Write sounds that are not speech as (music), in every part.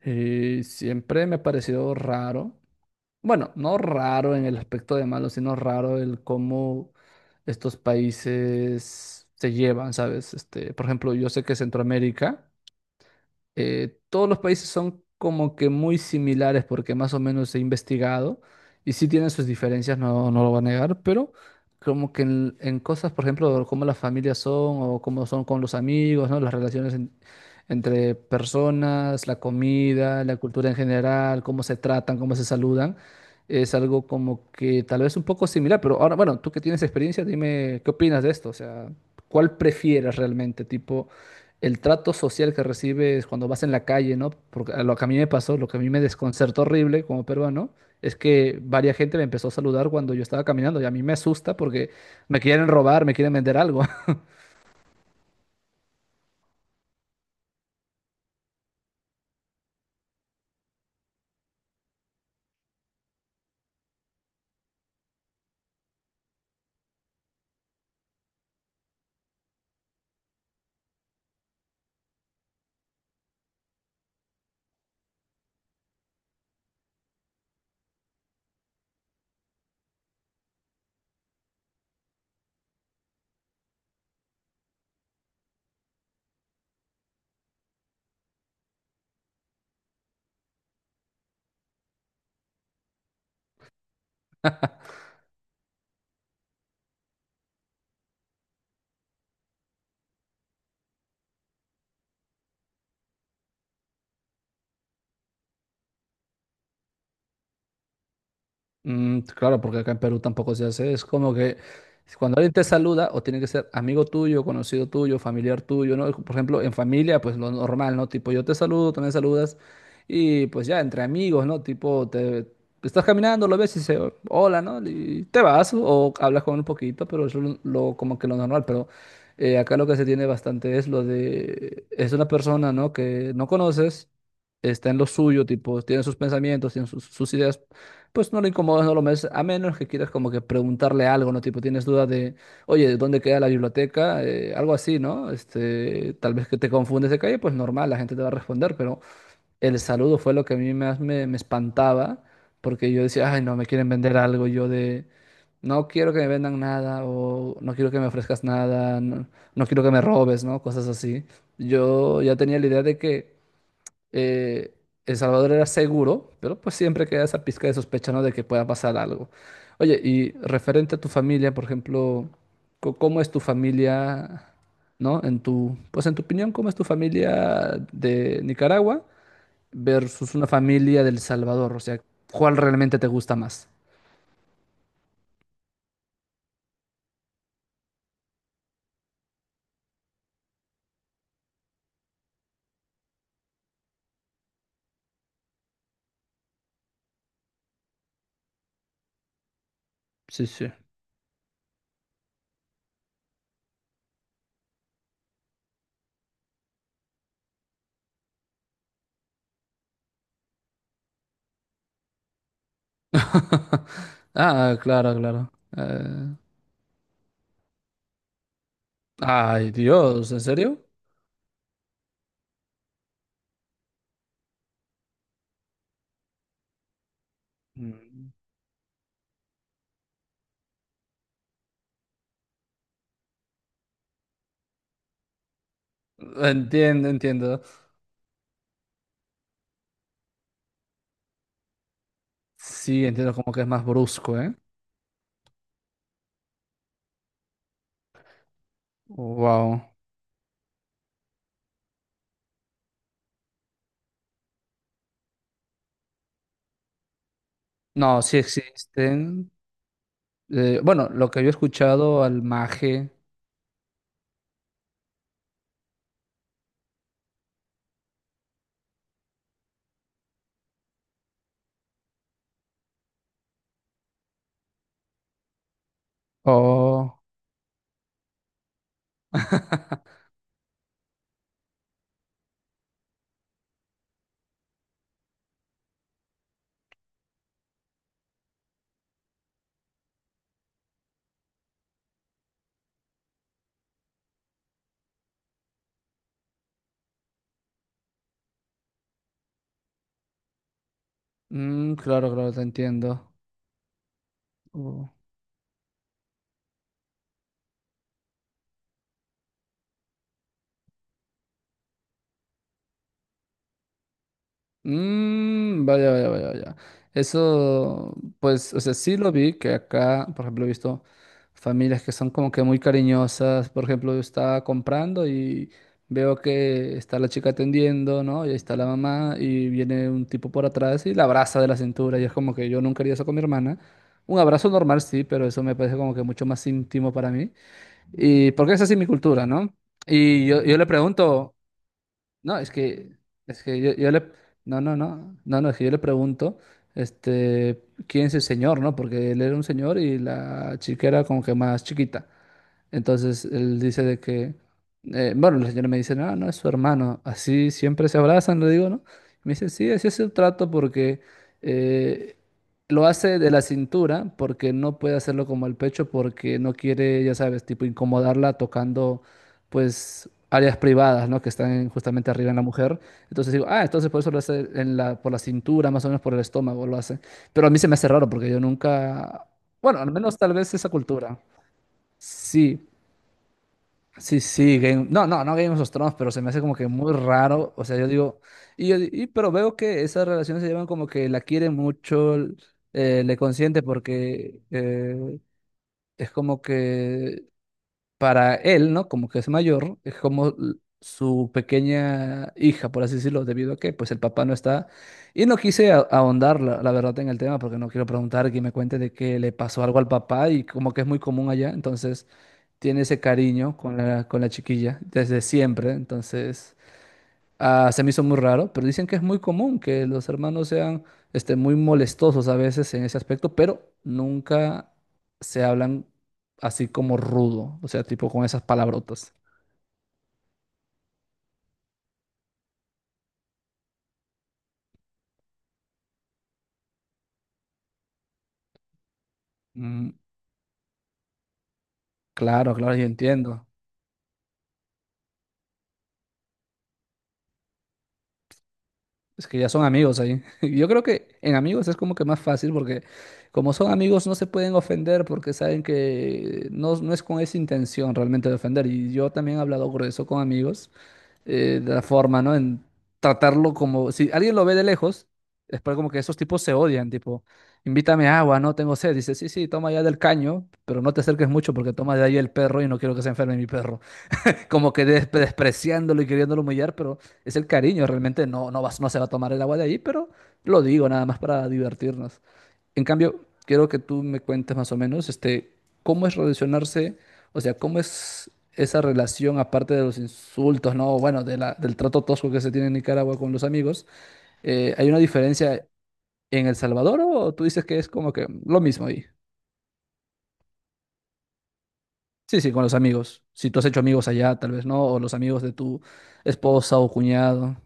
Siempre me ha parecido raro, bueno, no raro en el aspecto de malo, sino raro el cómo estos países se llevan, ¿sabes? Este, por ejemplo, yo sé que Centroamérica todos los países son como que muy similares porque más o menos he investigado y sí tienen sus diferencias, no, no lo voy a negar, pero como que en cosas, por ejemplo, cómo las familias son o cómo son con los amigos, ¿no? Las relaciones entre personas, la comida, la cultura en general, cómo se tratan, cómo se saludan, es algo como que tal vez un poco similar, pero ahora, bueno, tú que tienes experiencia, dime qué opinas de esto, o sea, ¿cuál prefieres realmente? Tipo el trato social que recibes cuando vas en la calle, ¿no? Porque a lo que a mí me pasó, lo que a mí me desconcertó horrible como peruano, es que varias gente me empezó a saludar cuando yo estaba caminando y a mí me asusta porque me quieren robar, me quieren vender algo. Mm, claro, porque acá en Perú tampoco se hace. Es como que cuando alguien te saluda, o tiene que ser amigo tuyo, conocido tuyo, familiar tuyo, ¿no? Por ejemplo, en familia, pues lo normal, ¿no? Tipo, yo te saludo, tú me saludas, y pues ya entre amigos, ¿no? Tipo, te estás caminando, lo ves y dices, hola, ¿no? Y te vas, o hablas con un poquito, pero eso es lo, como que lo normal. Pero acá lo que se tiene bastante es lo de, es una persona, ¿no? Que no conoces, está en lo suyo, tipo, tiene sus pensamientos, tiene sus ideas, pues no lo incomodas, no lo metes, a menos que quieras como que preguntarle algo, ¿no? Tipo, tienes duda de, oye, ¿dónde queda la biblioteca? Algo así, ¿no? Este, tal vez que te confundes de calle, pues normal, la gente te va a responder, pero el saludo fue lo que a mí más me espantaba, porque yo decía, ay, no, me quieren vender algo, yo de, no quiero que me vendan nada, o no quiero que me ofrezcas nada, no, no quiero que me robes, ¿no? Cosas así. Yo ya tenía la idea de que eh, El Salvador era seguro, pero pues siempre queda esa pizca de sospecha, ¿no? De que pueda pasar algo. Oye, y referente a tu familia, por ejemplo, ¿cómo es tu familia, no? Pues en tu opinión, ¿cómo es tu familia de Nicaragua versus una familia del Salvador? O sea, ¿cuál realmente te gusta más? Sí, sí. (laughs) Ah, claro, claro. Eh, Ay, Dios, ¿en serio? Mm. Entiendo, entiendo. Sí, entiendo como que es más brusco, ¿eh? Wow. No, sí existen. Bueno, lo que había escuchado, al maje. Oh. (laughs) Mm, claro, claro, te entiendo. Oh. Mm, vaya, vaya, vaya, vaya. Eso, pues, o sea, sí lo vi, que acá, por ejemplo, he visto familias que son como que muy cariñosas. Por ejemplo, yo estaba comprando y veo que está la chica atendiendo, ¿no? Y ahí está la mamá y viene un tipo por atrás y la abraza de la cintura. Y es como que yo nunca haría eso con mi hermana. Un abrazo normal, sí, pero eso me parece como que mucho más íntimo para mí. Y porque es así mi cultura, ¿no? Y yo le pregunto. No, es que no, no, no, no, no, es que yo le pregunto, este, ¿quién es el señor, no? Porque él era un señor y la chica era como que más chiquita. Entonces él dice de que, Bueno, la señora me dice, no, no es su hermano, así siempre se abrazan, le digo, ¿no? Me dice, sí, así es el trato porque eh, lo hace de la cintura, porque no puede hacerlo como el pecho, porque no quiere, ya sabes, tipo incomodarla tocando, pues, áreas privadas, ¿no? Que están justamente arriba en la mujer. Entonces digo, ah, entonces por eso lo hace en la, por la cintura, más o menos por el estómago lo hace. Pero a mí se me hace raro porque yo nunca, bueno, al menos tal vez esa cultura. Sí, sí, sí, no, no, no, Game of Thrones, pero se me hace como que muy raro, o sea, yo digo, pero veo que esas relaciones se llevan como que la quiere mucho, le consiente porque es como que para él, ¿no? Como que es mayor, es como su pequeña hija, por así decirlo, debido a que pues el papá no está. Y no quise ahondar, la verdad, en el tema, porque no quiero preguntar que me cuente de que le pasó algo al papá y como que es muy común allá, entonces tiene ese cariño con la chiquilla desde siempre, entonces... Ah, se me hizo muy raro, pero dicen que es muy común que los hermanos sean este, muy molestosos a veces en ese aspecto, pero nunca se hablan así como rudo, o sea, tipo con esas palabrotas. Mm, claro, claro, yo entiendo. Es que ya son amigos ahí. (laughs) Yo creo que en amigos es como que más fácil porque como son amigos no se pueden ofender porque saben que no, no es con esa intención realmente de ofender. Y yo también he hablado grueso con amigos. La forma, ¿no? En tratarlo como, si alguien lo ve de lejos, es para como que esos tipos se odian, tipo, invítame agua, no tengo sed, dice, sí, sí, toma ya del caño, pero no te acerques mucho porque toma de ahí el perro y no quiero que se enferme mi perro. Como que despreciándolo y queriéndolo humillar, pero es el cariño, realmente no, no vas, no se va a tomar el agua de ahí, pero lo digo nada más para divertirnos. En cambio, quiero que tú me cuentes más o menos, este, cómo es relacionarse, o sea, cómo es esa relación, aparte de los insultos, ¿no? Bueno, de del trato tosco que se tiene en Nicaragua con los amigos. ¿Hay una diferencia en El Salvador o tú dices que es como que lo mismo ahí? Sí, sí, con los amigos. Si tú has hecho amigos allá, tal vez no, o los amigos de tu esposa o cuñado.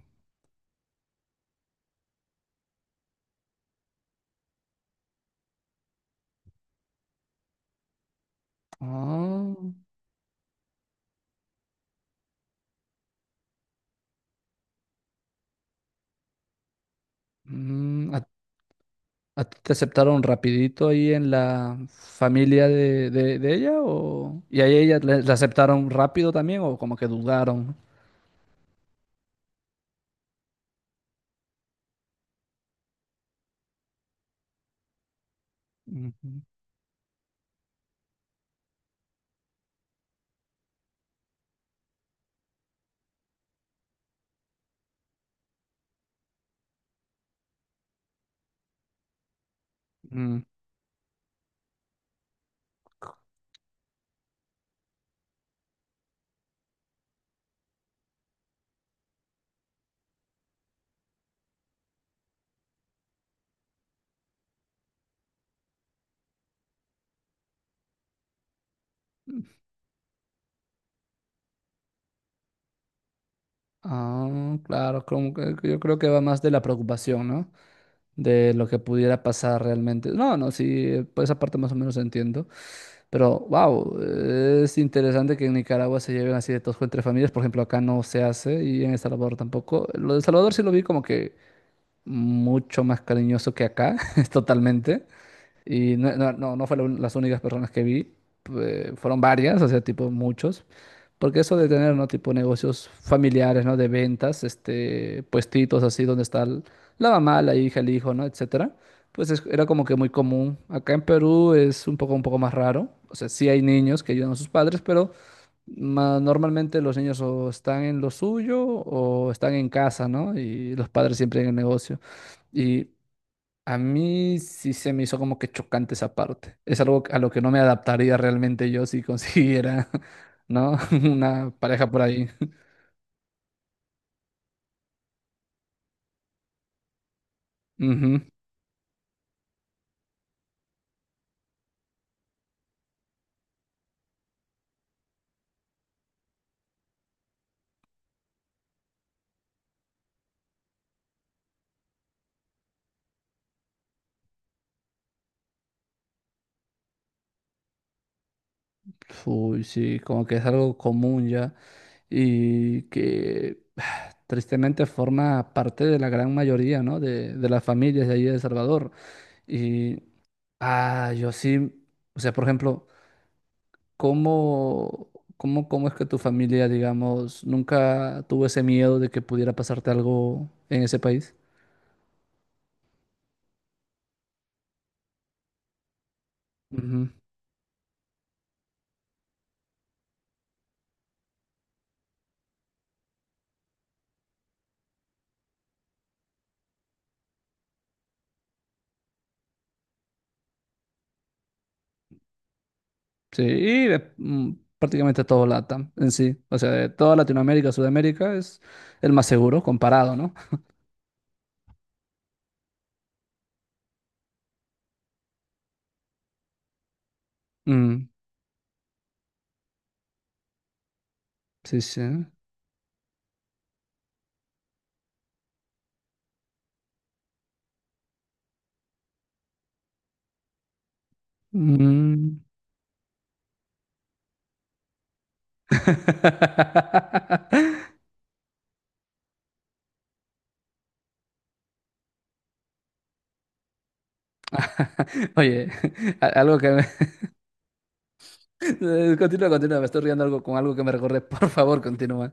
Ah, mm, ¿a ¿A ti te aceptaron rapidito ahí en la familia de ella? ¿Y a ella la aceptaron rápido también o como que dudaron? Ujú. Mm. Ah, claro, como que yo creo que va más de la preocupación, ¿no? De lo que pudiera pasar realmente. No, no, sí, por esa parte más o menos entiendo. Pero, wow, es interesante que en Nicaragua se lleven así de tosco entre familias. Por ejemplo, acá no se hace y en El Salvador tampoco. Lo de El Salvador sí lo vi como que mucho más cariñoso que acá, (laughs) totalmente. Y no, no, no, no fueron las únicas personas que vi, fueron varias, o sea, tipo muchos. Porque eso de tener, ¿no? Tipo negocios familiares, ¿no? De ventas, este, puestitos así donde está la mamá, la hija, el hijo, ¿no? Etcétera. Pues era como que muy común. Acá en Perú es un poco más raro. O sea, sí hay niños que ayudan a sus padres, pero normalmente los niños o están en lo suyo o están en casa, ¿no? Y los padres siempre en el negocio. Y a mí sí se me hizo como que chocante esa parte. Es algo a lo que no me adaptaría realmente yo si consiguiera, (laughs) ¿no? (laughs) una pareja por ahí. Ujú. Uy, sí, como que es algo común ya y que (sighs) tristemente forma parte de la gran mayoría, ¿no? De las familias de allí de El Salvador. Y ah, yo sí, o sea, por ejemplo. ¿Cómo, ¿Cómo es que tu familia, digamos, nunca tuvo ese miedo de que pudiera pasarte algo en ese país? Ujú. Sí, y prácticamente todo LATAM en sí. O sea, de toda Latinoamérica, Sudamérica es el más seguro comparado, ¿no? Mm, sí, sí. Mm. (laughs) Oye, (laughs) algo que me... (laughs) Continúa, continúa, me estoy riendo algo con algo que me recuerde. (laughs) Por favor, continúa.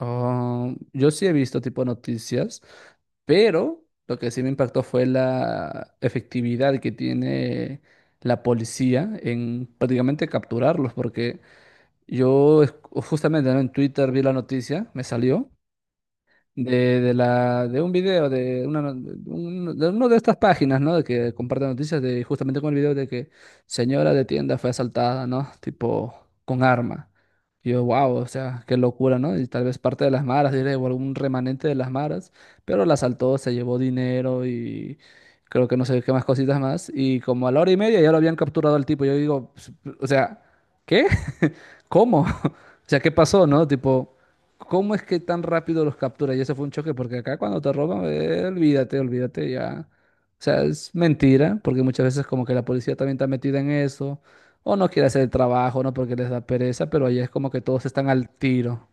Ah, yo sí he visto tipo noticias, pero lo que sí me impactó fue la efectividad que tiene la policía en prácticamente capturarlos, porque yo justamente, ¿no? En Twitter vi la noticia, me salió de la, de un video, de, una, no- de un- de uno de estas páginas, ¿no? De que comparten noticias, de justamente con el video de que señora de tienda fue asaltada, ¿no? Tipo, con arma. Y yo, wow, o sea, qué locura, ¿no? Y tal vez parte de las maras, diré, o algún remanente de las maras, pero la asaltó, se llevó dinero y creo que no sé qué más cositas más. Y como a la hora y media ya lo habían capturado al tipo. Yo digo, "Pues, o sea, ¿qué? ¿Cómo? (laughs) O sea, ¿qué pasó, no? Tipo, ¿cómo es que tan rápido los captura? Y ese fue un choque, porque acá cuando te roban, olvídate, olvídate ya. O sea, es mentira, porque muchas veces como que la policía también está metida en eso, o no quiere hacer el trabajo, ¿no? Porque les da pereza, pero allá es como que todos están al tiro.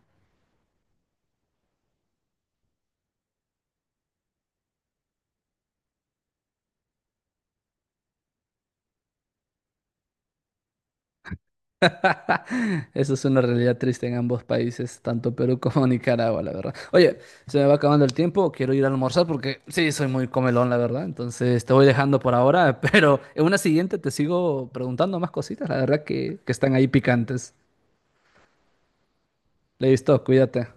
Eso es una realidad triste en ambos países, tanto Perú (laughs) como Nicaragua, la verdad. Oye, se me va acabando el tiempo, quiero ir a almorzar porque sí, soy muy comelón, la verdad. Entonces te voy dejando por ahora, (laughs) pero en una siguiente te sigo preguntando más cositas, la verdad que están ahí picantes. Listo, cuídate.